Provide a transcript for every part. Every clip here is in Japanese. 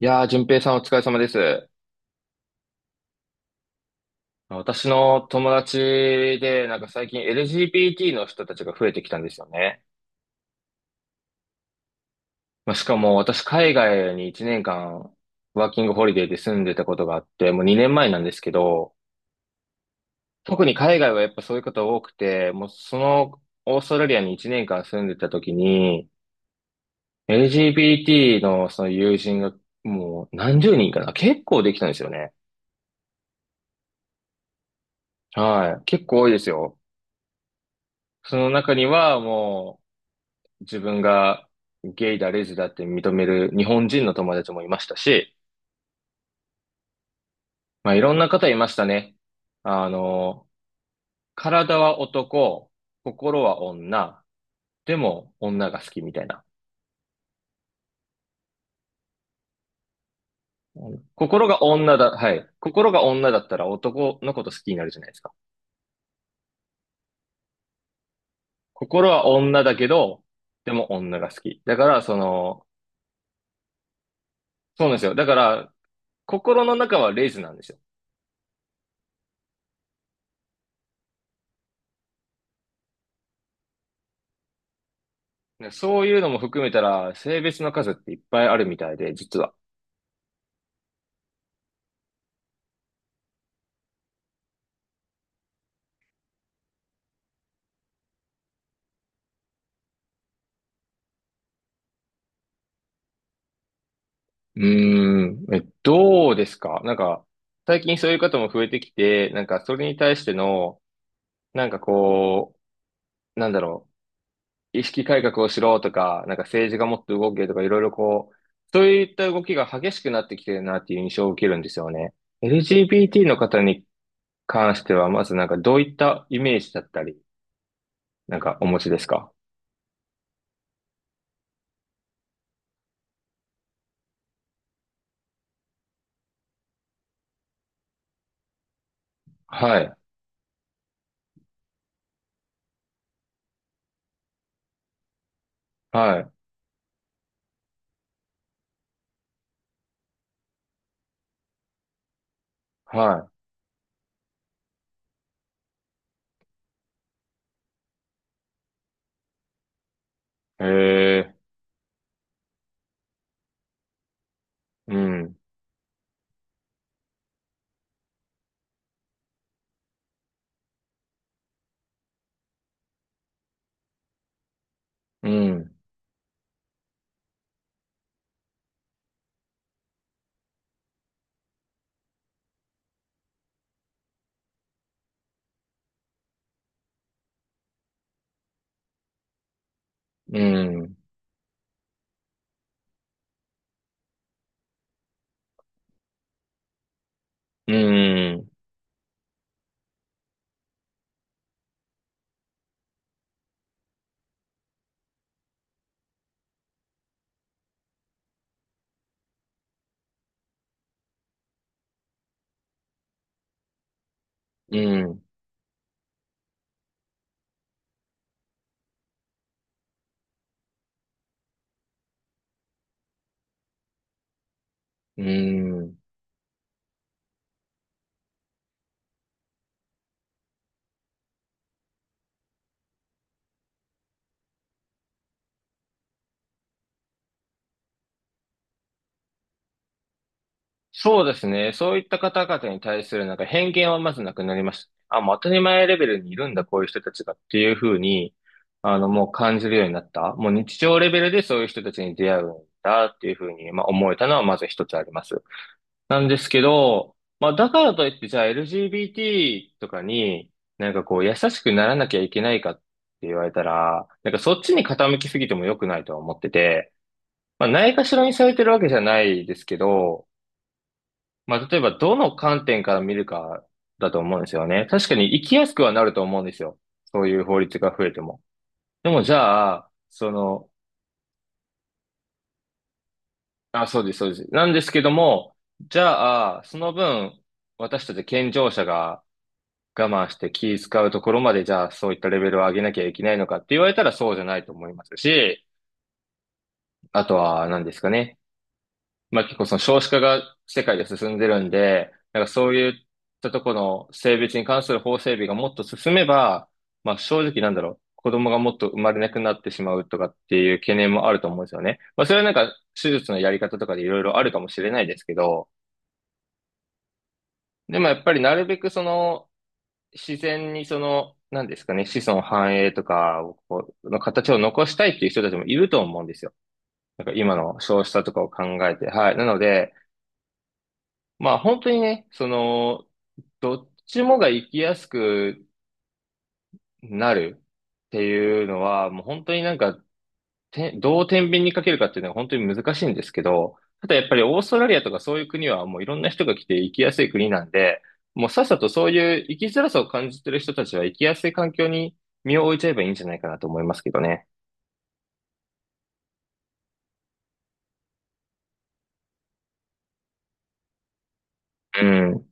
いやー、淳平さんお疲れ様です。私の友達で、なんか最近 LGBT の人たちが増えてきたんですよね。まあ、しかも私海外に1年間ワーキングホリデーで住んでたことがあって、もう2年前なんですけど、特に海外はやっぱそういう方多くて、もうそのオーストラリアに1年間住んでた時に、LGBT のその友人がもう何十人かな、結構できたんですよね。はい。結構多いですよ。その中にはもう、自分がゲイだ、レズだって認める日本人の友達もいましたし、まあ、いろんな方いましたね。あの、体は男、心は女、でも女が好きみたいな。心が女だ、はい。心が女だったら男のこと好きになるじゃないですか。心は女だけど、でも女が好き。だから、その、そうなんですよ。だから、心の中はレズなんですよ。ねそういうのも含めたら、性別の数っていっぱいあるみたいで、実は。うーん、え、どうですかなんか、最近そういう方も増えてきて、なんか、それに対しての、なんかこう、なんだろう、意識改革をしろとか、なんか政治がもっと動けとか、いろいろこう、そういった動きが激しくなってきてるなっていう印象を受けるんですよね。LGBT の方に関しては、まずなんか、どういったイメージだったり、なんか、お持ちですか。はい、はい、はい。へえ、うん、うん、うん、うん、うん。うーん。そうですね。そういった方々に対するなんか偏見はまずなくなりました。あ、もう当たり前レベルにいるんだ、こういう人たちがっていうふうに、あの、もう感じるようになった。もう日常レベルでそういう人たちに出会うんだっていうふうに、まあ、思えたのはまず一つあります。なんですけど、まあ、だからといって、じゃあ LGBT とかになんかこう優しくならなきゃいけないかって言われたら、なんかそっちに傾きすぎても良くないとは思ってて、まあ、ないがしろにされてるわけじゃないですけど、まあ、例えばどの観点から見るかだと思うんですよね。確かに生きやすくはなると思うんですよ。そういう法律が増えても。でもじゃあ、その、あ、そうです、そうです。なんですけども、じゃあ、その分、私たち健常者が我慢して気使うところまで、じゃあ、そういったレベルを上げなきゃいけないのかって言われたらそうじゃないと思いますし、あとは、何ですかね。まあ結構その少子化が世界で進んでるんで、なんかそういったところの性別に関する法整備がもっと進めば、まあ正直なんだろう、子供がもっと生まれなくなってしまうとかっていう懸念もあると思うんですよね。まあそれはなんか手術のやり方とかでいろいろあるかもしれないですけど、でもやっぱりなるべくその自然にその、なんですかね、子孫繁栄とかをこうの形を残したいっていう人たちもいると思うんですよ。なんか今の少子化とかを考えて。はい。なので、まあ本当にね、その、どっちもが生きやすくなるっていうのは、もう本当になんか、どう天秤にかけるかっていうのは本当に難しいんですけど、ただやっぱりオーストラリアとかそういう国はもういろんな人が来て生きやすい国なんで、もうさっさとそういう生きづらさを感じてる人たちは生きやすい環境に身を置いちゃえばいいんじゃないかなと思いますけどね。うん、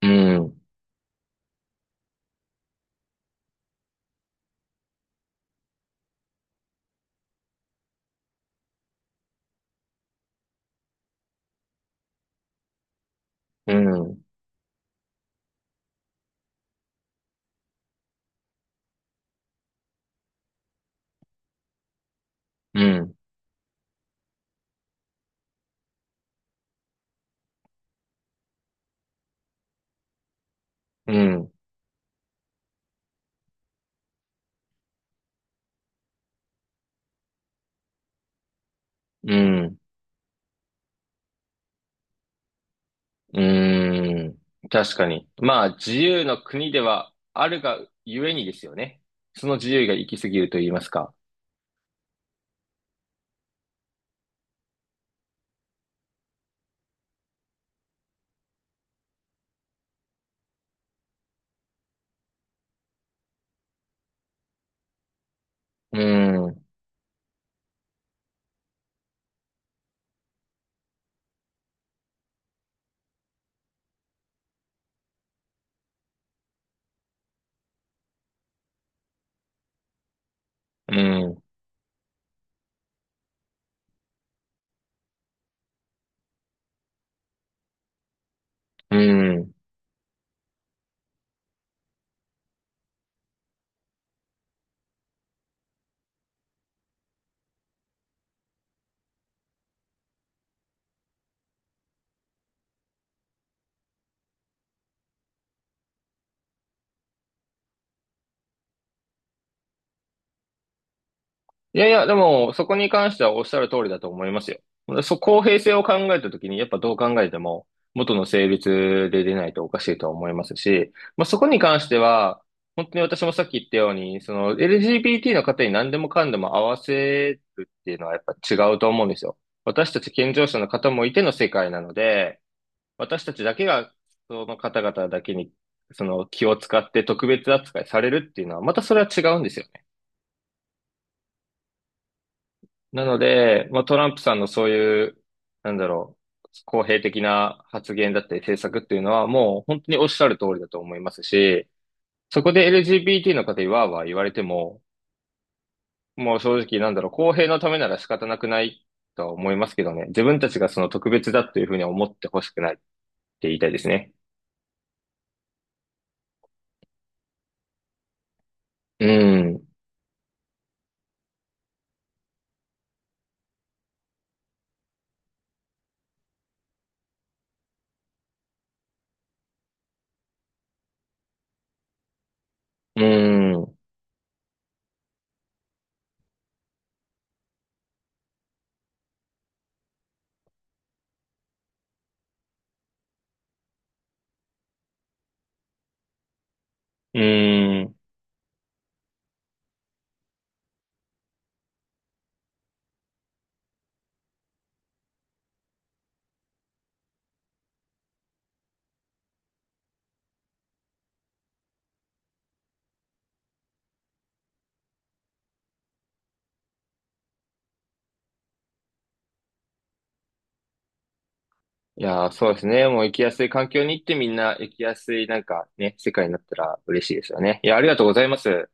うん、うん、うん、うん、うん。うーん。確かに。まあ、自由の国ではあるがゆえにですよね。その自由が行き過ぎると言いますか。うーん。うん。うん。いやいや、でも、そこに関してはおっしゃる通りだと思いますよ。公平性を考えたときに、やっぱどう考えても、元の性別で出ないとおかしいとは思いますし、まあ、そこに関しては、本当に私もさっき言ったように、その LGBT の方に何でもかんでも合わせるっていうのはやっぱ違うと思うんですよ。私たち健常者の方もいての世界なので、私たちだけが、その方々だけに、その気を使って特別扱いされるっていうのは、またそれは違うんですよ。なので、まあ、トランプさんのそういう、なんだろう、公平的な発言だったり政策っていうのはもう本当におっしゃる通りだと思いますし、そこで LGBT の方にわーわー言われても、もう正直なんだろう、公平のためなら仕方なくないとは思いますけどね。自分たちがその特別だというふうには思ってほしくないって言いたいですね。うん、うん、うん。いやー、そうですね。もう生きやすい環境に行ってみんな生きやすいなんかね、世界になったら嬉しいですよね。いや、ありがとうございます。